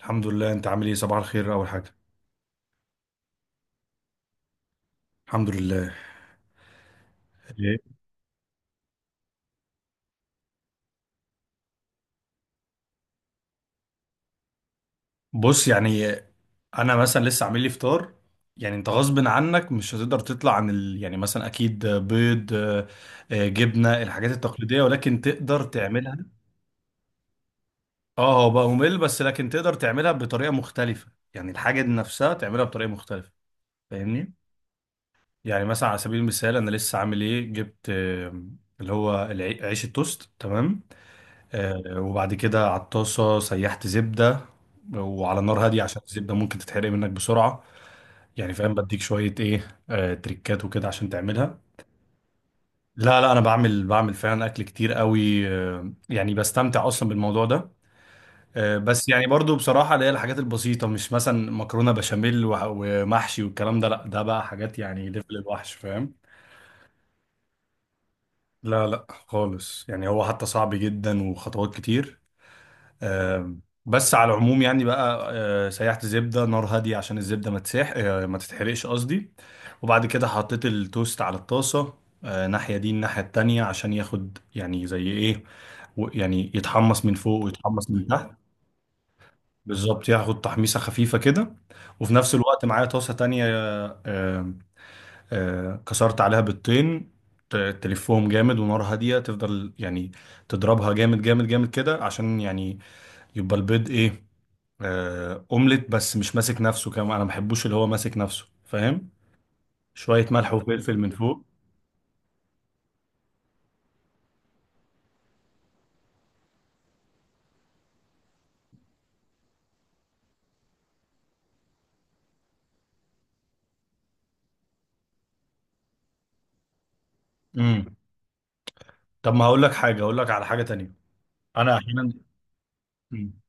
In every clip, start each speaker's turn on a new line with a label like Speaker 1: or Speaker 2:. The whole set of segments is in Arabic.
Speaker 1: الحمد لله، انت عامل ايه؟ صباح الخير، اول حاجه. الحمد لله. ايه؟ بص، يعني انا مثلا لسه عامل لي فطار. يعني انت غصب عنك مش هتقدر تطلع عن ال... يعني مثلا اكيد بيض، جبنه، الحاجات التقليديه، ولكن تقدر تعملها. اه، هو بقى ممل بس لكن تقدر تعملها بطريقه مختلفه، يعني الحاجه دي نفسها تعملها بطريقه مختلفه. فاهمني. يعني مثلا على سبيل المثال انا لسه عامل ايه، جبت اللي هو عيش التوست، تمام. وبعد كده على الطاسة سيحت زبدة، وعلى نار هادية عشان الزبدة ممكن تتحرق منك بسرعة. يعني فاهم، بديك شوية ايه، تريكات وكده عشان تعملها. لا لا، انا بعمل بعمل فعلا اكل كتير قوي، يعني بستمتع اصلا بالموضوع ده. بس يعني برضو بصراحة، اللي هي الحاجات البسيطة، مش مثلا مكرونة بشاميل ومحشي والكلام ده. لا، ده بقى حاجات يعني ليفل الوحش، فاهم. لا لا خالص، يعني هو حتى صعب جدا وخطوات كتير. بس على العموم يعني بقى، سيحت زبدة نار هادية عشان الزبدة ما تسيح، ما تتحرقش قصدي. وبعد كده حطيت التوست على الطاسة، ناحية دي الناحية التانية عشان ياخد يعني زي ايه، يعني يتحمص من فوق ويتحمص من تحت. بالظبط، ياخد تحميصة خفيفة كده. وفي نفس الوقت معايا طاسة تانية، كسرت عليها بيضتين. ت- تلفهم جامد ونار هادية تفضل يعني، تضربها جامد جامد جامد كده عشان يعني يبقى البيض ايه، اومليت بس مش ماسك نفسه كمان. انا ما بحبوش اللي هو ماسك نفسه، فاهم. شويه ملح وفلفل من فوق. امم طب ما هقول لك حاجه، هقول لك على حاجه تانية. انا احيانا. امم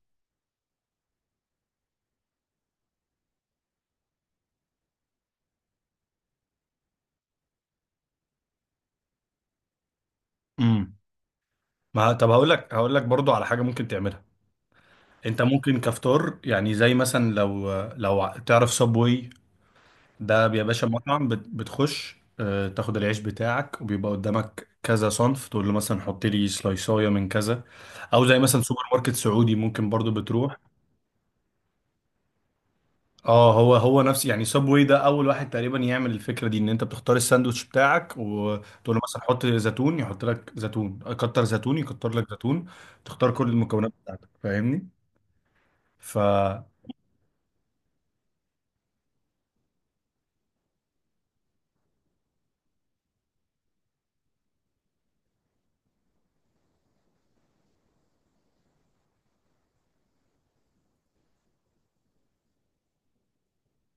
Speaker 1: أمم. ما طب هقول لك، هقول لك برضو على حاجه ممكن تعملها. انت ممكن كفطار، يعني زي مثلا، لو تعرف سبوي؟ ده يا باشا مطعم، بتخش، تاخد العيش بتاعك وبيبقى قدامك كذا صنف، تقول له مثلا حط لي سلايصايه من كذا. او زي مثلا سوبر ماركت سعودي، ممكن برضو بتروح. اه هو هو نفس، يعني سابوي ده اول واحد تقريبا يعمل الفكره دي، ان انت بتختار الساندوتش بتاعك وتقول له مثلا حط زيتون، يحط لك زيتون، كتر زيتون، يكتر لك زيتون. تختار كل المكونات بتاعتك، فاهمني. ف...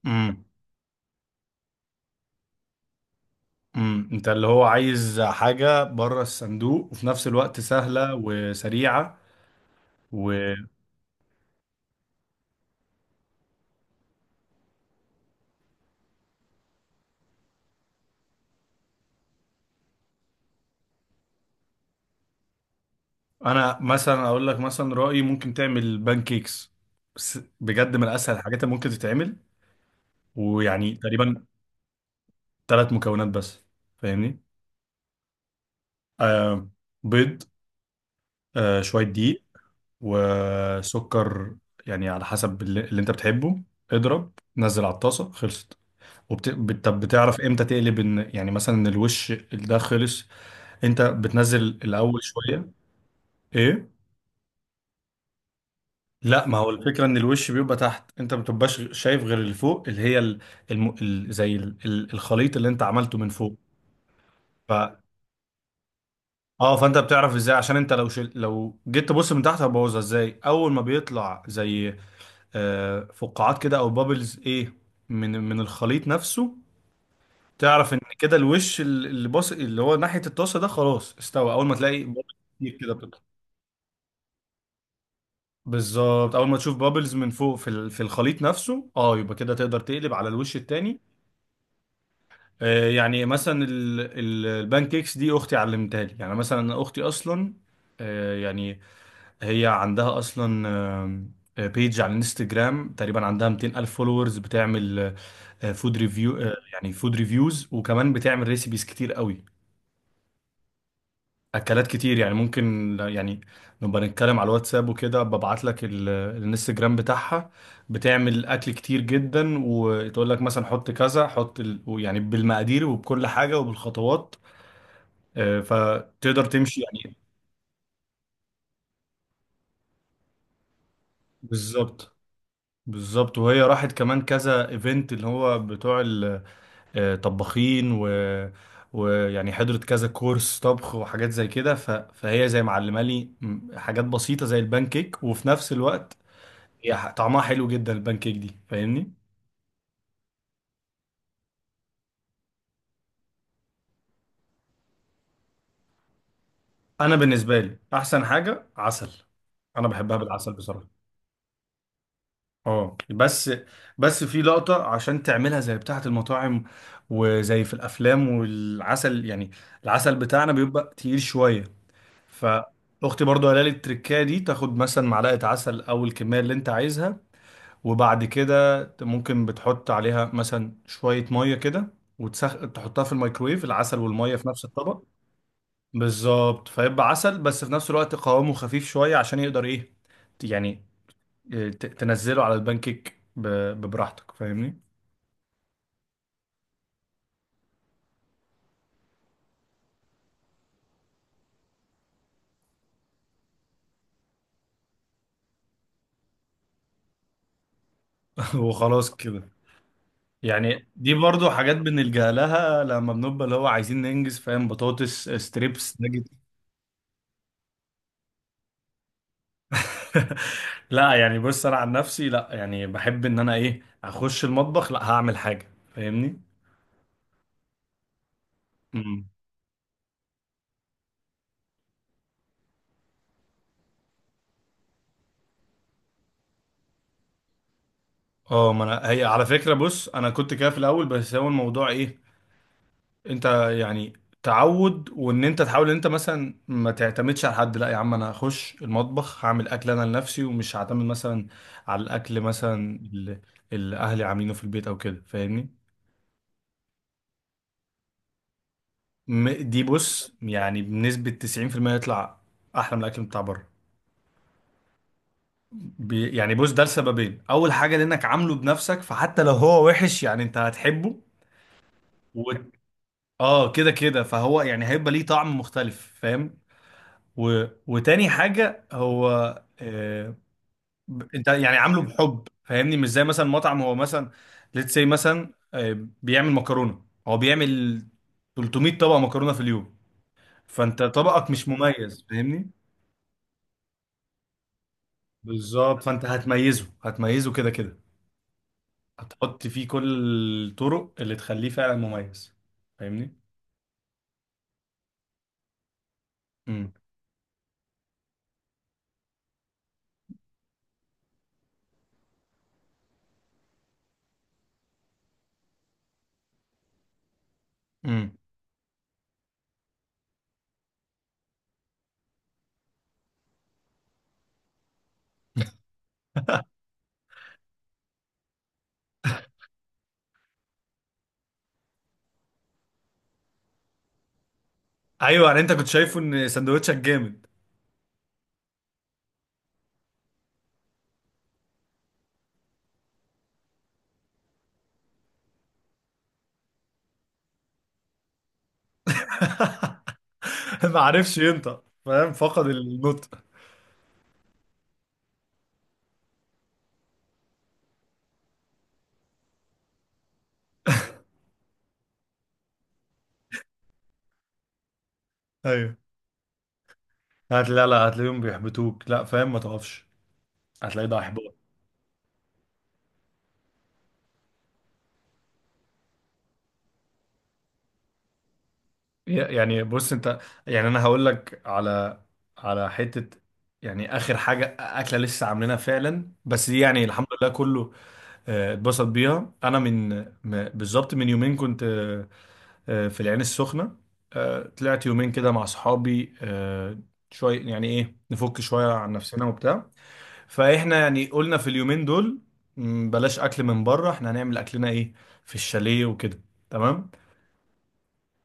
Speaker 1: امم انت اللي هو عايز حاجه بره الصندوق وفي نفس الوقت سهله وسريعه. وانا مثلا اقول لك مثلا رايي ممكن تعمل بانكيكس، بس بجد من اسهل الحاجات اللي ممكن تتعمل. ويعني تقريبا ثلاث مكونات بس، فاهمني. آه، بيض، آه شوية دقيق، وسكر. يعني على حسب اللي انت بتحبه. اضرب، نزل على الطاسة، خلصت. طب بتعرف امتى تقلب، ان يعني مثلا ان الوش ده خلص؟ انت بتنزل الاول شوية ايه؟ لا، ما هو الفكرة ان الوش بيبقى تحت، انت ما بتبقاش شايف غير اللي فوق، اللي هي ال... زي ال... الخليط اللي انت عملته من فوق. ف... اه فانت بتعرف ازاي، عشان انت لو جيت تبص من تحت هبوظها. ازاي؟ اول ما بيطلع زي فقاعات كده او بابلز ايه، من الخليط نفسه، تعرف ان كده الوش اللي باص اللي هو ناحيه الطاسه ده خلاص استوى. اول ما تلاقي بابلز كتير كده بتطلع. بالظبط، اول ما تشوف بابلز من فوق في في الخليط نفسه، اه، يبقى كده تقدر تقلب على الوش التاني. يعني مثلا البان كيكس دي اختي علمتها لي. يعني مثلا اختي اصلا، يعني هي عندها اصلا، بيج على الانستجرام، تقريبا عندها 200 الف فولورز، بتعمل فود ريفيو. يعني فود ريفيوز وكمان بتعمل ريسيبيز كتير قوي، اكلات كتير. يعني ممكن يعني نبقى نتكلم على الواتساب وكده، ببعت لك الانستجرام بتاعها. بتعمل اكل كتير جدا، وتقول لك مثلا حط كذا، حط ال... يعني بالمقادير وبكل حاجة وبالخطوات. فتقدر تمشي يعني. بالظبط، بالظبط. وهي راحت كمان كذا ايفنت اللي هو بتوع طباخين، و... ويعني حضرت كذا كورس طبخ وحاجات زي كده. فهي زي معلمه لي حاجات بسيطه زي البان كيك، وفي نفس الوقت هي طعمها حلو جدا البان كيك دي، فاهمني. انا بالنسبه لي احسن حاجه عسل، انا بحبها بالعسل بصراحه. اه، بس بس في لقطه عشان تعملها زي بتاعه المطاعم وزي في الافلام والعسل. يعني العسل بتاعنا بيبقى تقيل شويه. فاختي برضو قالت لي التركايه دي، تاخد مثلا معلقه عسل او الكميه اللي انت عايزها. وبعد كده ممكن بتحط عليها مثلا شويه ميه كده تحطها في الميكرويف، العسل والميه في نفس الطبق. بالظبط، فيبقى عسل بس في نفس الوقت قوامه خفيف شويه عشان يقدر ايه، يعني، إيه، تنزله على البانكيك ببراحتك فاهمني. وخلاص كده. يعني دي برضو حاجات بنلجأ لها لما بنبقى اللي هو عايزين ننجز، فاهم. بطاطس ستريبس. لا يعني بص، انا عن نفسي لا، يعني بحب ان انا ايه، اخش المطبخ، لا هعمل حاجه فاهمني. امم اه، ما انا هي على فكره، بص انا كنت كده في الاول بس هو الموضوع ايه، انت يعني تعود وان انت تحاول ان انت مثلا ما تعتمدش على حد. لا يا عم، انا هخش المطبخ هعمل اكل انا لنفسي، ومش هعتمد مثلا على الاكل مثلا اللي اهلي عاملينه في البيت او كده فاهمني. دي بص يعني بنسبه 90% يطلع احلى من الاكل بتاع بره. يعني بص، ده لسببين. اول حاجه لانك عامله بنفسك، فحتى لو هو وحش يعني انت هتحبه. و... اه كده كده، فهو يعني هيبقى ليه طعم مختلف فاهم. وتاني حاجه هو، آه... انت يعني عامله بحب، فاهمني. مش زي مثلا مطعم، هو مثلا ليتس سي مثلا بيعمل مكرونه، هو بيعمل 300 طبق مكرونه في اليوم، فانت طبقك مش مميز، فاهمني. بالظبط، فانت هتميزه هتميزه كده كده، هتحط فيه كل الطرق اللي تخليه فعلا مميز، فاهمني. امم امم ايوه، يعني انت كنت شايفه ان سندوتشك جامد. ما عرفش ينطق فاهم، فقد النطق. ايوه، لا لا، هتلاقيهم بيحبطوك، لا فاهم. ما تقفش، هتلاقي ده احباط. يعني بص انت، يعني انا هقول لك على، على حته يعني، اخر حاجه اكله لسه عاملينها فعلا بس دي يعني الحمد لله كله اتبسط بيها. انا من بالظبط من يومين كنت، في العين السخنة، طلعت يومين كده مع صحابي، شوية يعني ايه نفك شوية عن نفسنا وبتاع. فاحنا يعني قلنا في اليومين دول بلاش اكل من بره، احنا هنعمل اكلنا ايه في الشاليه وكده، تمام.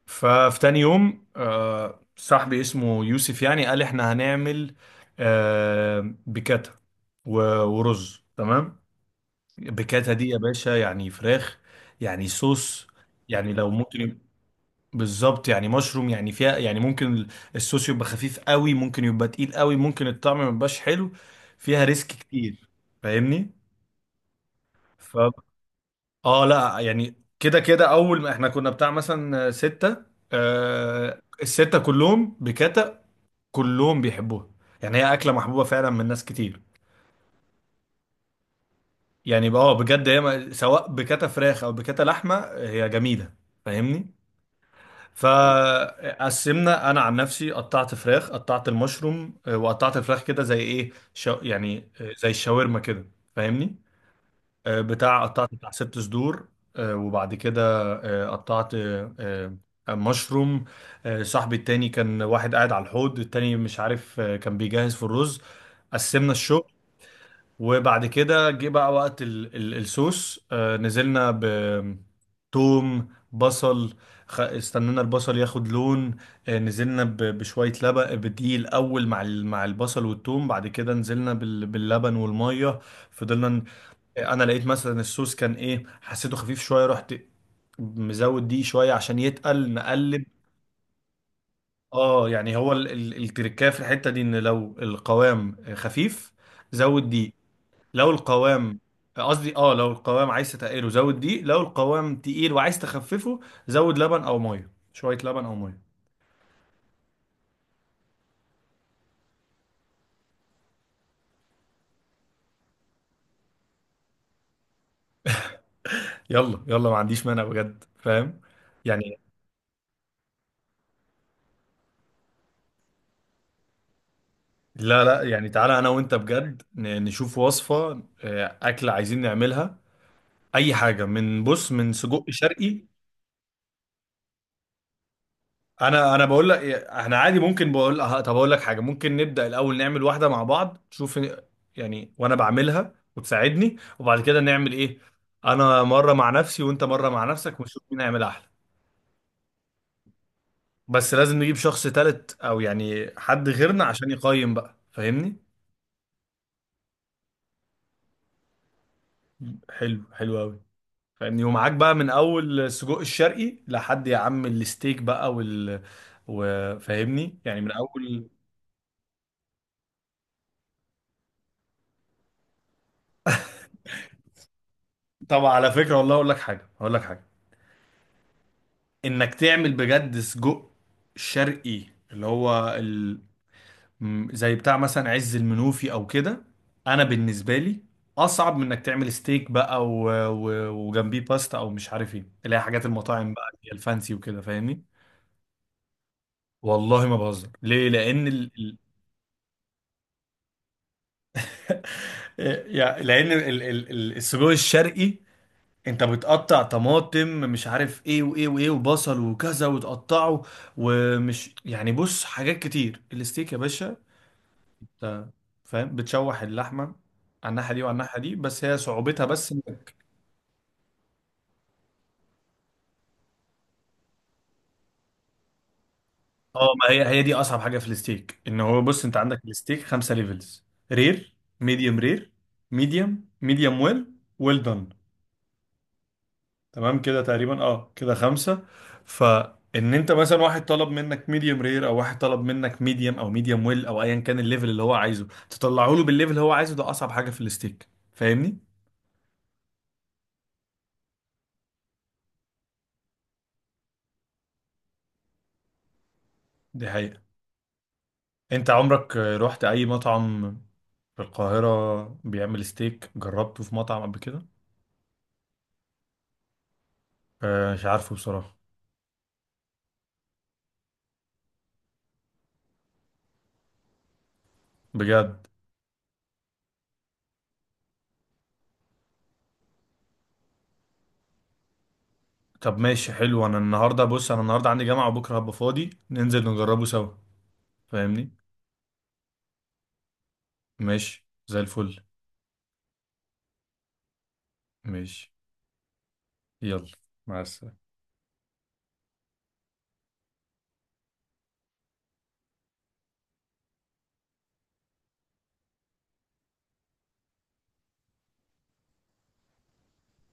Speaker 1: ففي تاني يوم صاحبي اسمه يوسف يعني قال احنا هنعمل بكاتا ورز، تمام. بكاتا دي يا باشا يعني فراخ، يعني صوص، يعني لو ممكن. بالظبط، يعني مشروم يعني فيها، يعني ممكن الصوص يبقى خفيف قوي، ممكن يبقى تقيل قوي، ممكن الطعم ما يبقاش حلو، فيها ريسك كتير فاهمني. ف اه لا، يعني كده كده اول ما احنا كنا بتاع مثلا ستة، آه الستة كلهم بكتا، كلهم بيحبوها. يعني هي اكلة محبوبة فعلا من ناس كتير. يعني بقى اه بجد، هي سواء بكتا فراخ او بكتا لحمة هي جميلة فاهمني. فقسمنا، انا عن نفسي قطعت فراخ، قطعت المشروم، وقطعت الفراخ كده زي ايه يعني زي الشاورما كده فاهمني. بتاع قطعت بتاع ست صدور. وبعد كده قطعت مشروم. صاحبي التاني كان واحد قاعد على الحوض التاني مش عارف، كان بيجهز في الرز، قسمنا الشغل. وبعد كده جه بقى وقت الصوص، آه نزلنا ب... توم، بصل، استنينا البصل ياخد لون. آه نزلنا بشوية لبن بدقيق الأول، مع مع البصل والتوم، بعد كده نزلنا باللبن والمية، فضلنا أنا لقيت مثلا الصوص كان إيه، حسيته خفيف شوية، رحت مزود دي شوية عشان يتقل نقلب. اه، يعني هو التركايه في الحتة دي، ان لو القوام خفيف زود دي، لو القوام، قصدي اه، لو القوام عايز تقله زود دقيق، لو القوام تقيل وعايز تخففه زود لبن او ميه، شويه لبن او ميه. يلا يلا، ما عنديش مانع بجد فاهم. يعني لا لا، يعني تعالى انا وانت بجد نشوف وصفه، اكله عايزين نعملها، اي حاجه من بص من سجق شرقي. انا بقول لك احنا عادي ممكن بقول أه، طب اقول لك حاجه، ممكن نبدا الاول نعمل واحده مع بعض تشوف يعني، وانا بعملها وتساعدني، وبعد كده نعمل ايه، انا مره مع نفسي وانت مره مع نفسك، ونشوف مين هيعمل احلى. بس لازم نجيب شخص تالت او يعني حد غيرنا عشان يقيم بقى فاهمني. حلو حلو قوي فاهمني. ومعاك بقى من اول السجق الشرقي لحد يا عم الستيك بقى وفاهمني يعني من اول. طب على فكره، والله اقول لك حاجه، اقول لك حاجه، انك تعمل بجد سجق شرقي، اللي هو ال... زي بتاع مثلا عز المنوفي او كده، انا بالنسبه لي اصعب من انك تعمل ستيك بقى وجنبيه باستا او مش عارف ايه اللي هي حاجات المطاعم بقى اللي هي الفانسي وكده فاهمني. والله ما بهزر، ليه؟ لان ال... ال... يعني لان ال... ال... السجق الشرقي انت بتقطع طماطم مش عارف ايه وايه وايه وبصل وكذا وتقطعه. ومش يعني بص حاجات كتير. الستيك يا باشا ت- فاهم بتشوح اللحمه على الناحيه دي وعلى الناحيه دي، بس هي صعوبتها بس انك... اه ما هي هي دي اصعب حاجه في الستيك. ان هو بص انت عندك الستيك خمسه ليفلز: رير، ميديوم رير، ميديوم، ميديوم ويل، ويل دون، تمام كده تقريبا، اه كده خمسه. فان انت مثلا واحد طلب منك ميديوم رير او واحد طلب منك ميديوم او ميديوم ويل او ايا كان الليفل اللي هو عايزه، تطلعه له بالليفل اللي هو عايزه، ده اصعب حاجه في الستيك فاهمني. دي حقيقه. انت عمرك رحت اي مطعم في القاهرة بيعمل ستيك، جربته في مطعم قبل كده؟ آه مش عارفه بصراحة. بجد. طب ماشي حلو، انا النهاردة بص انا النهاردة عندي جامعة، وبكرة هبقى فاضي ننزل نجربه سوا فاهمني. ماشي زي الفل. ماشي. يلا مع السلامة.